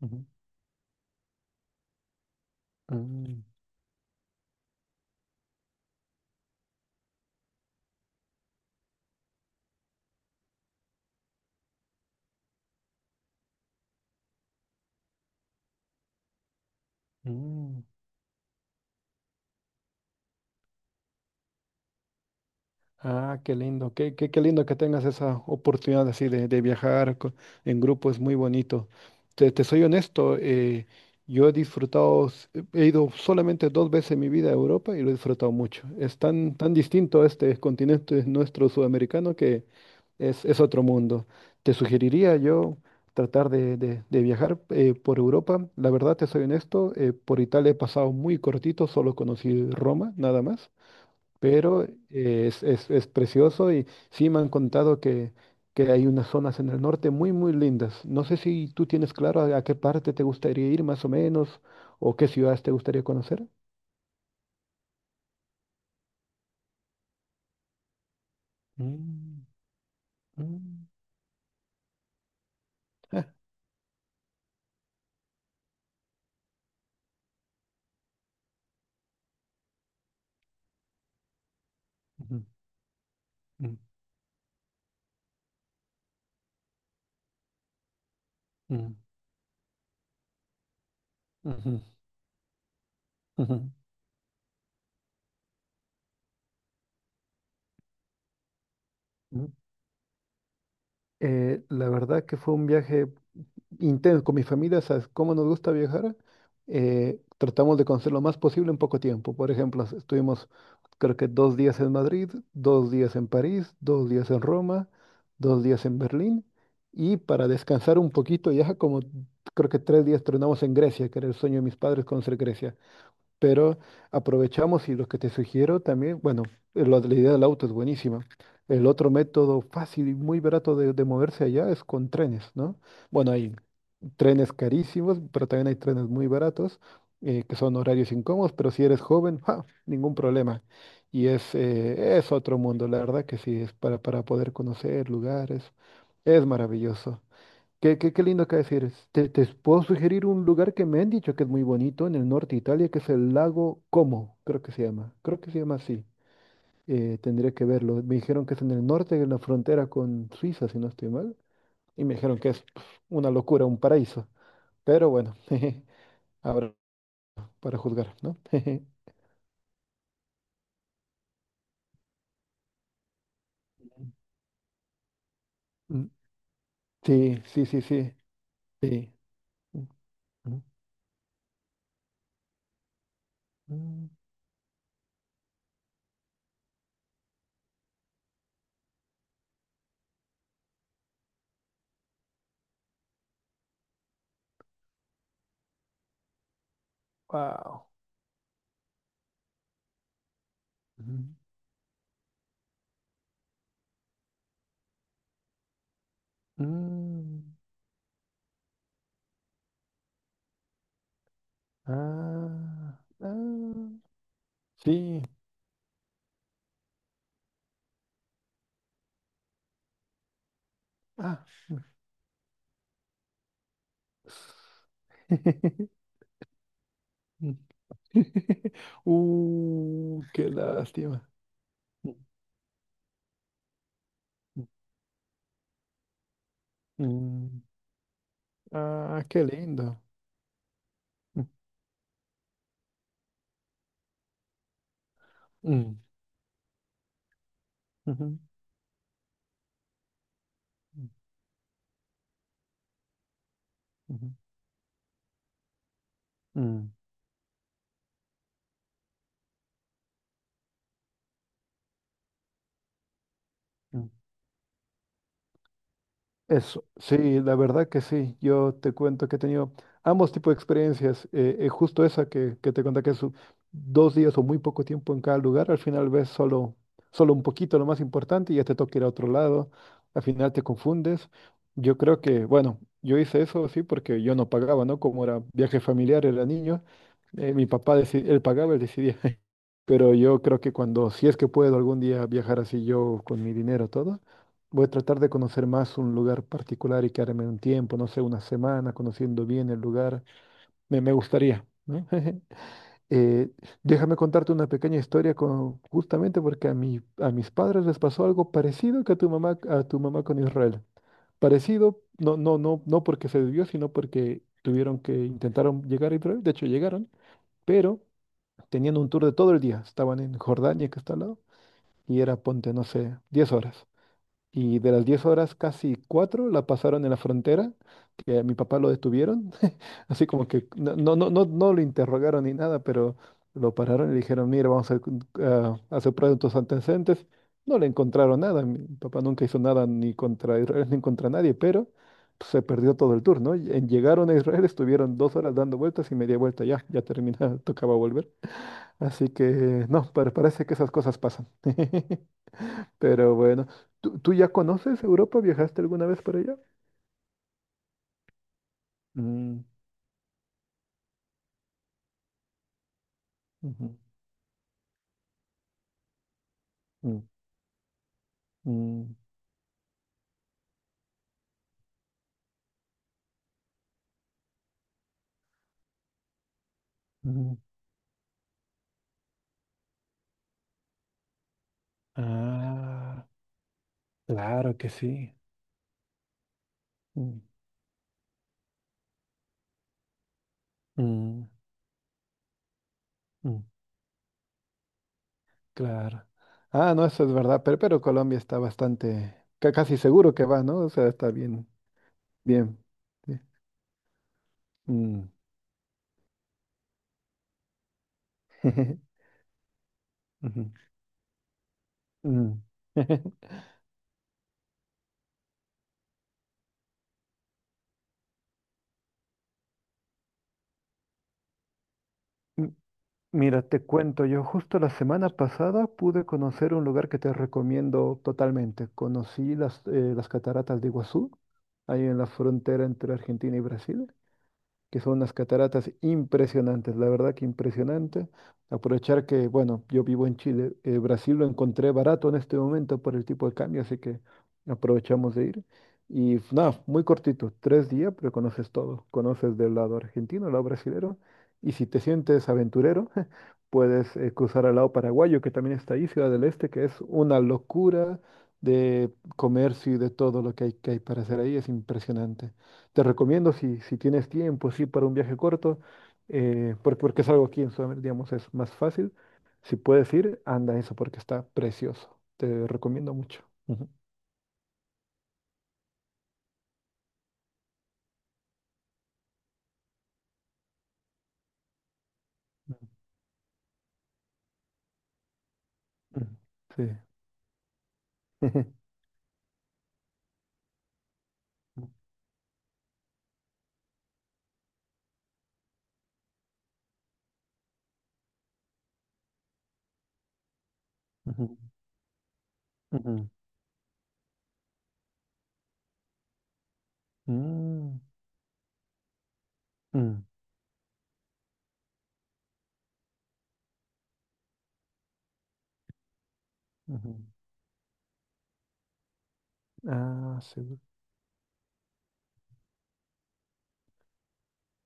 Ujú. Mm, mm. Ah, qué lindo, qué lindo que tengas esa oportunidad así de viajar en grupo, es muy bonito. Te soy honesto, yo he disfrutado, he ido solamente dos veces en mi vida a Europa y lo he disfrutado mucho. Es tan, tan distinto este continente nuestro sudamericano que es otro mundo. Te sugeriría yo tratar de viajar por Europa. La verdad, te soy honesto, por Italia he pasado muy cortito, solo conocí Roma, nada más. Pero es precioso y sí me han contado que, hay unas zonas en el norte muy, muy lindas. No sé si tú tienes claro a qué parte te gustaría ir más o menos o qué ciudades te gustaría conocer. Mm, mm. Ah, ujú. Mm, mm, ujú, ujú, ujú. Mm. La verdad que fue un viaje intenso con mi familia, ¿sabes cómo nos gusta viajar? Tratamos de conocer lo más posible en poco tiempo. Por ejemplo, estuvimos creo que 2 días en Madrid, 2 días en París, 2 días en Roma, 2 días en Berlín y para descansar un poquito ya como creo que 3 días tronamos en Grecia, que era el sueño de mis padres conocer Grecia. Pero aprovechamos y lo que te sugiero también, bueno, lo de la idea del auto es buenísima. El otro método fácil y muy barato de moverse allá es con trenes, ¿no? Bueno, hay trenes carísimos, pero también hay trenes muy baratos, que son horarios incómodos, pero si eres joven, ¡ja! Ningún problema. Y es otro mundo, la verdad que sí, es para poder conocer lugares, es maravilloso. Qué lindo acá decir. Te puedo sugerir un lugar que me han dicho que es muy bonito en el norte de Italia, que es el lago Como, creo que se llama. Creo que se llama así. Tendría que verlo. Me dijeron que es en el norte, en la frontera con Suiza, si no estoy mal. Y me dijeron que es pf, una locura, un paraíso. Pero bueno, jeje, ahora para juzgar, ¿no? Jeje. Mm. Sí, sí, sí, sí. Sí. Wow. Mm, mm. Ah, ah. Sí. Ah. Qué lástima. Mm. Ah, qué lindo. Mm, mm, ujú, mm, ujú, mm, mm. Eso, sí, la verdad que sí. Yo te cuento que he tenido ambos tipos de experiencias. Justo esa que te conté que es 2 días o muy poco tiempo en cada lugar. Al final ves solo un poquito lo más importante y ya te toca ir a otro lado. Al final te confundes. Yo creo que, bueno, yo hice eso sí porque yo no pagaba, ¿no? Como era viaje familiar, era niño. Mi papá, él pagaba, él decidía. Pero yo creo que cuando, si es que puedo algún día viajar así yo con mi dinero todo, voy a tratar de conocer más un lugar particular y quedarme un tiempo, no sé, una semana conociendo bien el lugar. Me gustaría, ¿no? Eh, déjame contarte una pequeña historia justamente porque a mis padres les pasó algo parecido que a tu mamá, con Israel. Parecido, no, no, no, no porque se debió sino porque tuvieron que intentaron llegar a Israel, de hecho llegaron, pero teniendo un tour de todo el día. Estaban en Jordania, que está al lado, y era, ponte, no sé, 10 horas. Y de las 10 horas, casi 4 la pasaron en la frontera, que a mi papá lo detuvieron, así como que no, no, no, no, no lo interrogaron ni nada, pero lo pararon y le dijeron, mira, vamos a hacer pruebas de tus antecedentes. No le encontraron nada, mi papá nunca hizo nada ni contra Israel ni contra nadie, pero pues, se perdió todo el tour, ¿no? Llegaron a Israel, estuvieron 2 horas dando vueltas y media vuelta, ya, ya terminaba, tocaba volver. Así que no, pero parece que esas cosas pasan. Pero bueno, tú ya conoces Europa? ¿Viajaste alguna vez por allá? Mm, ujú, mm, mm, mm. Ah, claro que sí. Mm, mm, mm, claro. Ah, no, eso es verdad, pero Colombia está bastante, casi seguro que va, ¿no? O sea, está bien, bien. Sí. Mm. Ujú, mm. Mira, te cuento, yo justo la semana pasada pude conocer un lugar que te recomiendo totalmente. Conocí las cataratas de Iguazú, ahí en la frontera entre Argentina y Brasil, que son unas cataratas impresionantes, la verdad que impresionante. Aprovechar que, bueno, yo vivo en Chile, Brasil lo encontré barato en este momento por el tipo de cambio, así que aprovechamos de ir. Y nada, muy cortito, 3 días, pero conoces todo. Conoces del lado argentino, al lado brasilero, y si te sientes aventurero, puedes cruzar al lado paraguayo, que también está ahí, Ciudad del Este, que es una locura de comercio y de todo lo que hay para hacer ahí, es impresionante. Te recomiendo si, si tienes tiempo, sí, para un viaje corto, porque es algo aquí en Sudamérica, digamos, es más fácil. Si puedes ir, anda eso porque está precioso. Te recomiendo mucho. Ujú. Ujú. Sí. Ujú, ujú, mm, mm, ujú. Ah, sí.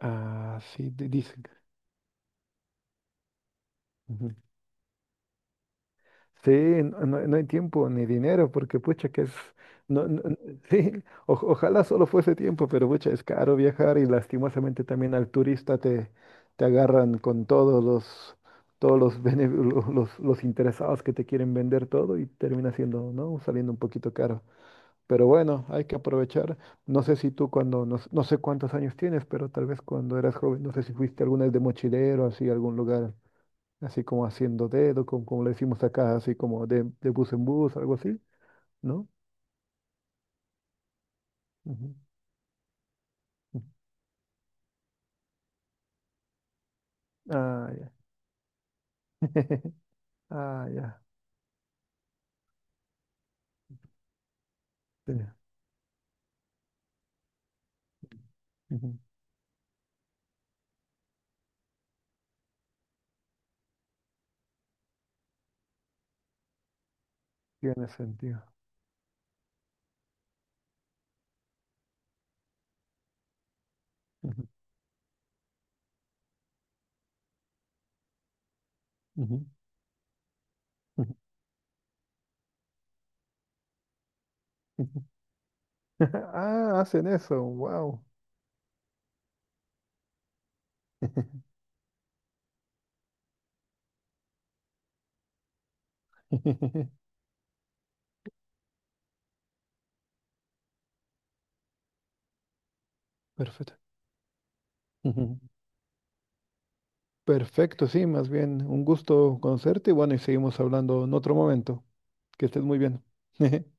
Ah, sí, dicen. Sí, no, no hay tiempo ni dinero, porque pucha que es, no, no- no- sí, ojalá solo fuese tiempo, pero pucha, es caro viajar y lastimosamente también al turista te, te agarran con todos los, bene- lo- los interesados que te quieren vender todo y termina siendo, ¿no? Saliendo un poquito caro. Pero bueno, hay que aprovechar. No sé si tú cuando, no, no sé cuántos años tienes, pero tal vez cuando eras joven, no sé si fuiste alguna vez de mochilero, así, a algún lugar así como haciendo dedo, como, le decimos acá, así como de bus en bus, algo así, ¿no? Ujú, ujú. Ah, ya. Ah, ya. Sí, ujú. Tiene sentido. Ujú, ujú, ujú, ujú. Ah, hacen eso, wow. Perfecto. Ujú. Perfecto, sí, más bien un gusto conocerte y bueno, y seguimos hablando en otro momento. Que estés muy bien.